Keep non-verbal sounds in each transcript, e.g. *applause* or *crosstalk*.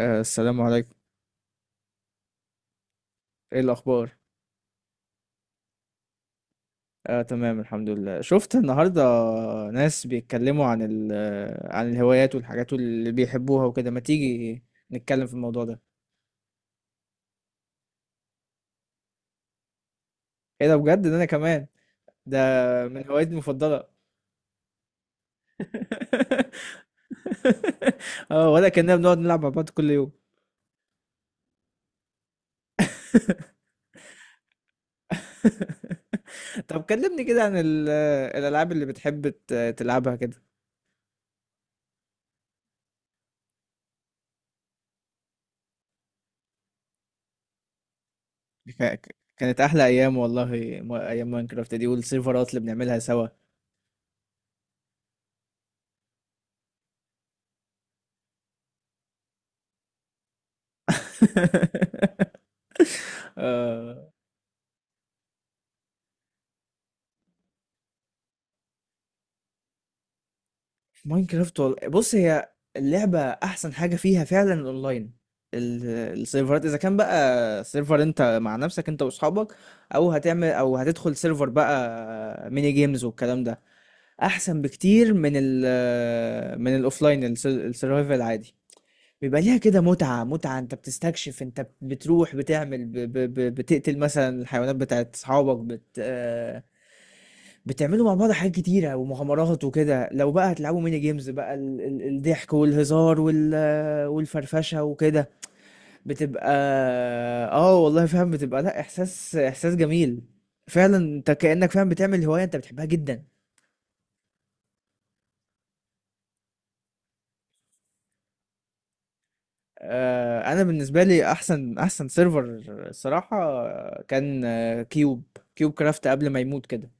السلام عليكم. ايه الاخبار؟ آه، تمام الحمد لله. شفت النهارده ناس بيتكلموا عن ال آه، عن الهوايات والحاجات اللي بيحبوها وكده، ما تيجي نتكلم في الموضوع ده. ايه ده بجد؟ ده انا كمان ده من هواياتي المفضله. *laughs* اه، ولا كنا بنقعد نلعب مع بعض كل يوم. *laughs* طب كلمني كده عن الالعاب اللي بتحب تلعبها كده. كانت احلى ايام والله، ايام ماينكرافت دي والسيرفرات اللي بنعملها سوا. *laughs* آه، ماينكرافت بص، هي اللعبة أحسن حاجة فيها فعلا الأونلاين، ال- السيرفرات. إذا كان بقى سيرفر أنت مع نفسك أنت وأصحابك، أو هتعمل أو هتدخل سيرفر بقى ميني جيمز والكلام ده، أحسن بكتير من من الأوفلاين السرفايفل العادي. بيبقى ليها كده متعة متعة، أنت بتستكشف، أنت بتروح بتعمل ب ب ب بتقتل مثلا الحيوانات بتاعت أصحابك، بت آه، بتعملوا مع بعض حاجات كتيرة ومغامرات وكده. لو بقى هتلعبوا ميني جيمز بقى، الضحك والهزار والفرفشة وكده بتبقى. اه والله فاهم. بتبقى لا، احساس احساس جميل فعلا، انت كأنك فاهم بتعمل هواية انت بتحبها جدا. انا بالنسبة لي احسن احسن سيرفر الصراحة كان، كيوب، كيوب كرافت قبل ما يموت كده.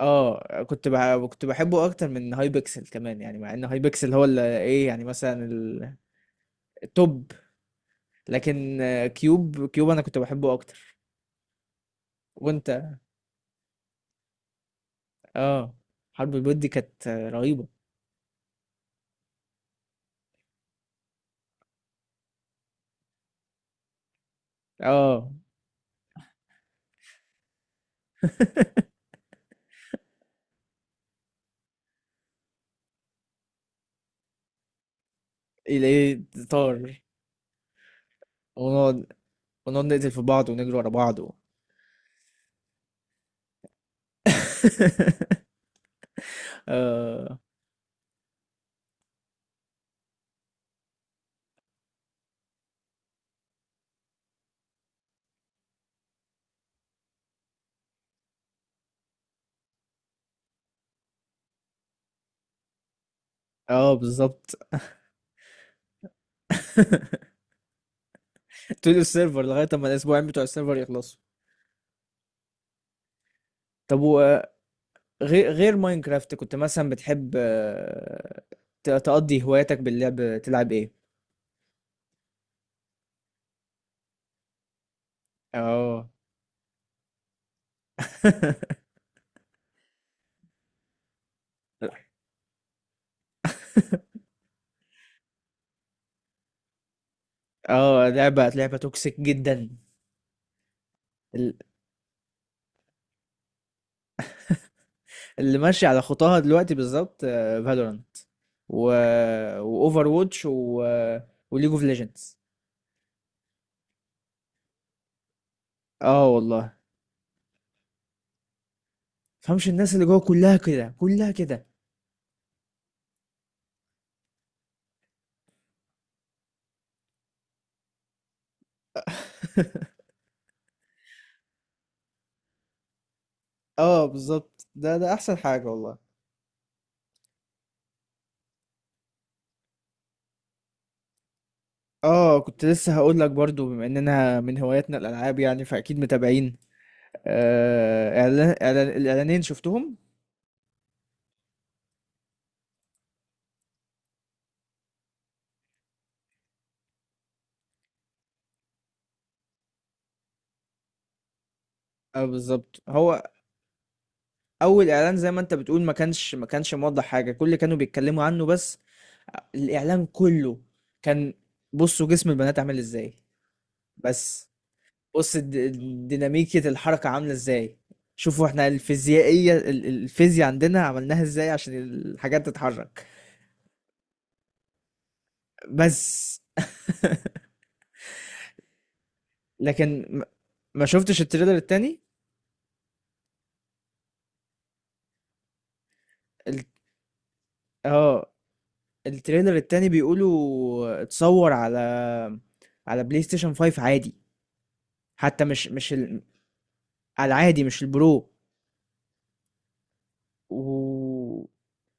اه كنت كنت بحبه اكتر من هاي بيكسل كمان، يعني مع ان هاي بيكسل هو اللي ايه يعني مثلا التوب، لكن كيوب، كيوب انا كنت بحبه اكتر. وانت؟ اه، حرب البيض دي كانت رهيبه. اه. *laughs* الايه، طار؟ ونقعد، ونقعد نقتل في بعض ونجري ورا بعض و... *laughs* اه، اه بالظبط. *laughs* طول السيرفر لغايه اما الاسبوعين بتوع السيرفر يخلصوا. طب وغير، غير ماينكرافت كنت مثلا بتحب تقضي هواياتك باللعب، تلعب ايه؟ اه. *laughs* اه، لعبة لعبة توكسيك جدا، ال- اللي ماشي على خطاها دلوقتي بالظبط، فالورانت و واوفر ووتش وليج اوف ليجندز. اه والله. فهمش، الناس اللي جوه كلها كده، كلها كده. *laughs* اه بالظبط، ده ده احسن حاجة والله. اه كنت لسه هقول لك برضو، بما اننا من هواياتنا الالعاب يعني فاكيد متابعين. آه، إعلان، إعلان الإعلانين شفتهم. اه بالظبط، هو اول اعلان زي ما انت بتقول، ما كانش موضح حاجه، كل اللي كانوا بيتكلموا عنه بس الاعلان كله كان، بصوا جسم البنات عامل ازاي، بس بص الديناميكية، الحركة عاملة ازاي، شوفوا احنا الفيزيائية الفيزياء عندنا عملناها ازاي عشان الحاجات تتحرك بس. *laughs* لكن ما شفتش التريلر التاني ال- اه، التريلر التاني بيقولوا اتصور على، على بلاي ستيشن 5 عادي، حتى مش على العادي، مش البرو. و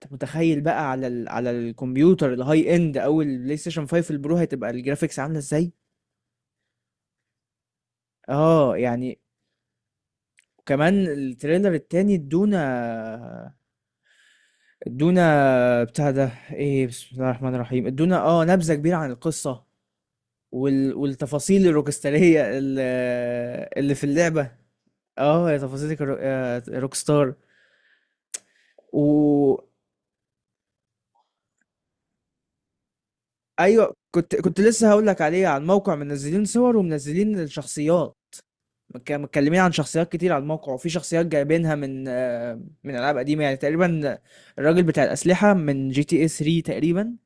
انت متخيل بقى على ال... على الكمبيوتر الهاي اند او البلاي ستيشن 5 البرو هتبقى الجرافيكس عامله ازاي؟ اه يعني. وكمان التريلر التاني ادونا، ادونا بتاع ده ايه، بسم الله الرحمن الرحيم، ادونا اه نبذه كبيره عن القصه وال... والتفاصيل الروكستاريه اللي في اللعبه. اه يا تفاصيلك روك ستار. و ايوه كنت، كنت لسه هقول لك عليه، عن موقع منزلين صور ومنزلين الشخصيات، متكلمين عن شخصيات كتير على الموقع، وفي شخصيات جايبينها من من العاب قديمه يعني تقريبا، الراجل بتاع الاسلحه من جي تي اي 3 تقريبا.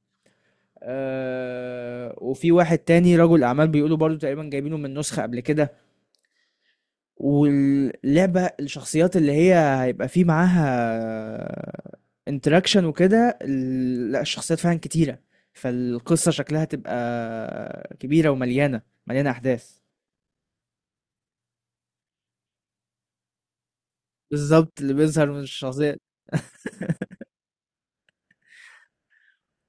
وفي واحد تاني رجل اعمال بيقولوا برضو تقريبا جايبينه من نسخه قبل كده. واللعبة الشخصيات اللي هي هيبقى فيه معاها انتراكشن وكده، لا الشخصيات فعلا كتيرة، فالقصة شكلها تبقى كبيرة ومليانة، مليانة أحداث. بالظبط، اللي بيظهر من الشخصيات.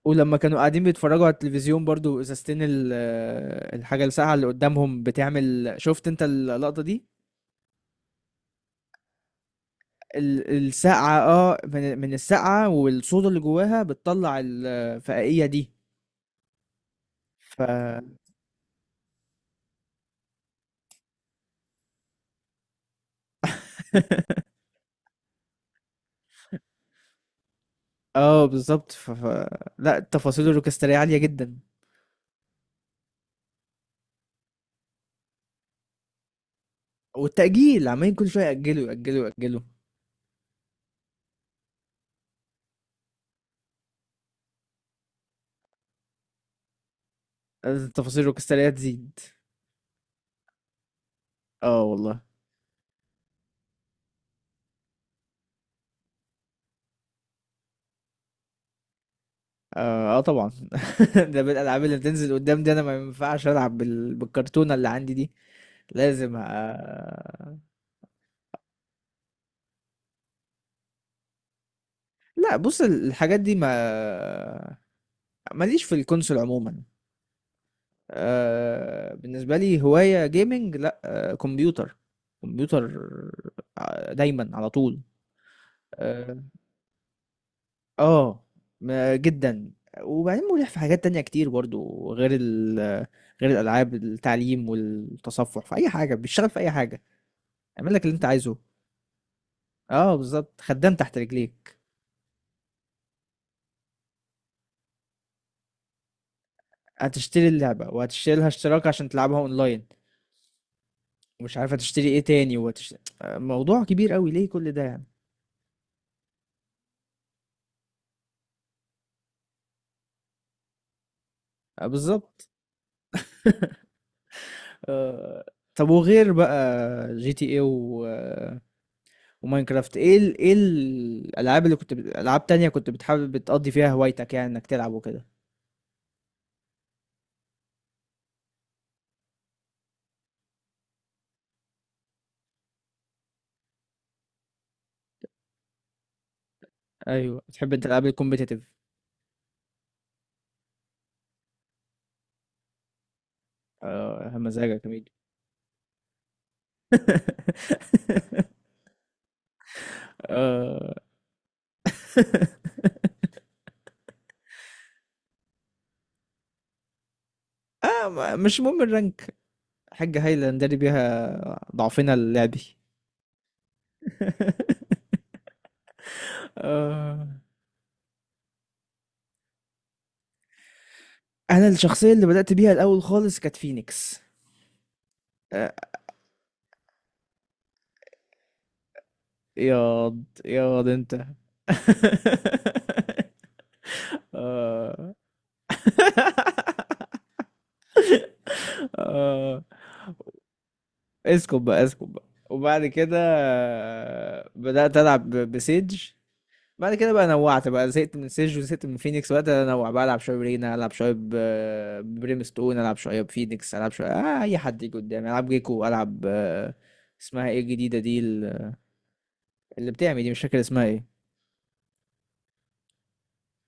ولما كانوا قاعدين بيتفرجوا على التلفزيون برضو، الحاجة الساقعة اللي قدامهم بتعمل، شفت انت اللقطة دي؟ الساقعة اه، من الساقعة والصودا اللي جواها بتطلع الفقائية دي. ف، *laughs* اه بالظبط لا، التفاصيل الروكسترية عالية جدا. والتأجيل عمالين كل شوية يأجلوا، التفاصيل الروكسترية تزيد. اه والله. طبعا. *laughs* ده بالألعاب اللي بتنزل قدام دي، أنا ما ينفعش ألعب بالكرتونة اللي عندي دي، لازم آه... لا بص، الحاجات دي ما ماليش في الكونسول عموما. آه... بالنسبة لي هواية جيمنج، لا آه... كمبيوتر، كمبيوتر دايما على طول. آه، اه جدا. وبعدين مريح في حاجات تانية كتير برضو، غير الألعاب، التعليم والتصفح في أي حاجة، بيشتغل في أي حاجة، اعمل لك اللي أنت عايزه. اه بالظبط، خدام تحت رجليك. هتشتري اللعبة وهتشتري لها اشتراك عشان تلعبها اونلاين، ومش عارف هتشتري ايه تاني وهتشتري، موضوع كبير قوي ليه كل ده يعني؟ آه بالظبط. آه. طب وغير بقى جي تي ايه وماينكرافت، ايه ال... ايه الالعاب اللي العاب تانية كنت بتحب بتقضي فيها هوايتك يعني، انك تلعب وكده؟ ايوه، بتحب انت الالعاب الكومبيتيتيف. اه مزاجك يا ميدو. *laughs* اه. *laughs* مش مهم الرانك، حاجة هايلة نداري بيها ضعفنا اللعبي. *laughs* آه. انا الشخصيه اللي بدات بيها الاول خالص كانت فينيكس. آه، ياض ياض انت. *laughs* آه. آه، اسكت بقى، اسكت بقى. وبعد كده بدأت ألعب بسيج. بعد كده بقى نوعت بقى، زهقت من سيج وزهقت من فينيكس، وقت أنوع بقى، ألعب شوية برينا، ألعب شوية ببريم ستون، ألعب شوية بفينيكس، ألعب شوية آه، أي حد يجي قدامي ألعب جيكو، ألعب اسمها إيه الجديدة دي اللي بتعمل دي، مش فاكر اسمها إيه.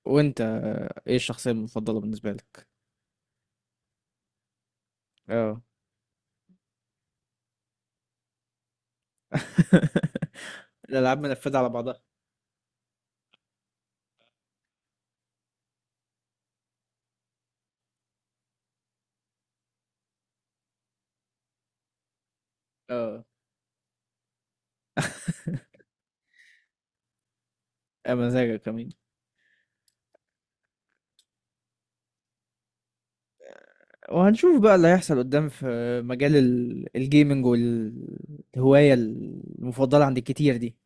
وأنت إيه الشخصية المفضلة بالنسبة لك؟ اه. *laughs* الألعاب منفذة على بعضها. اه يا مزاجك كمان. وهنشوف بقى اللي هيحصل قدام في مجال الجيمنج والهواية المفضلة عند الكتير دي.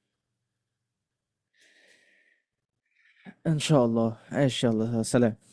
إن شاء الله، إن شاء الله. سلام.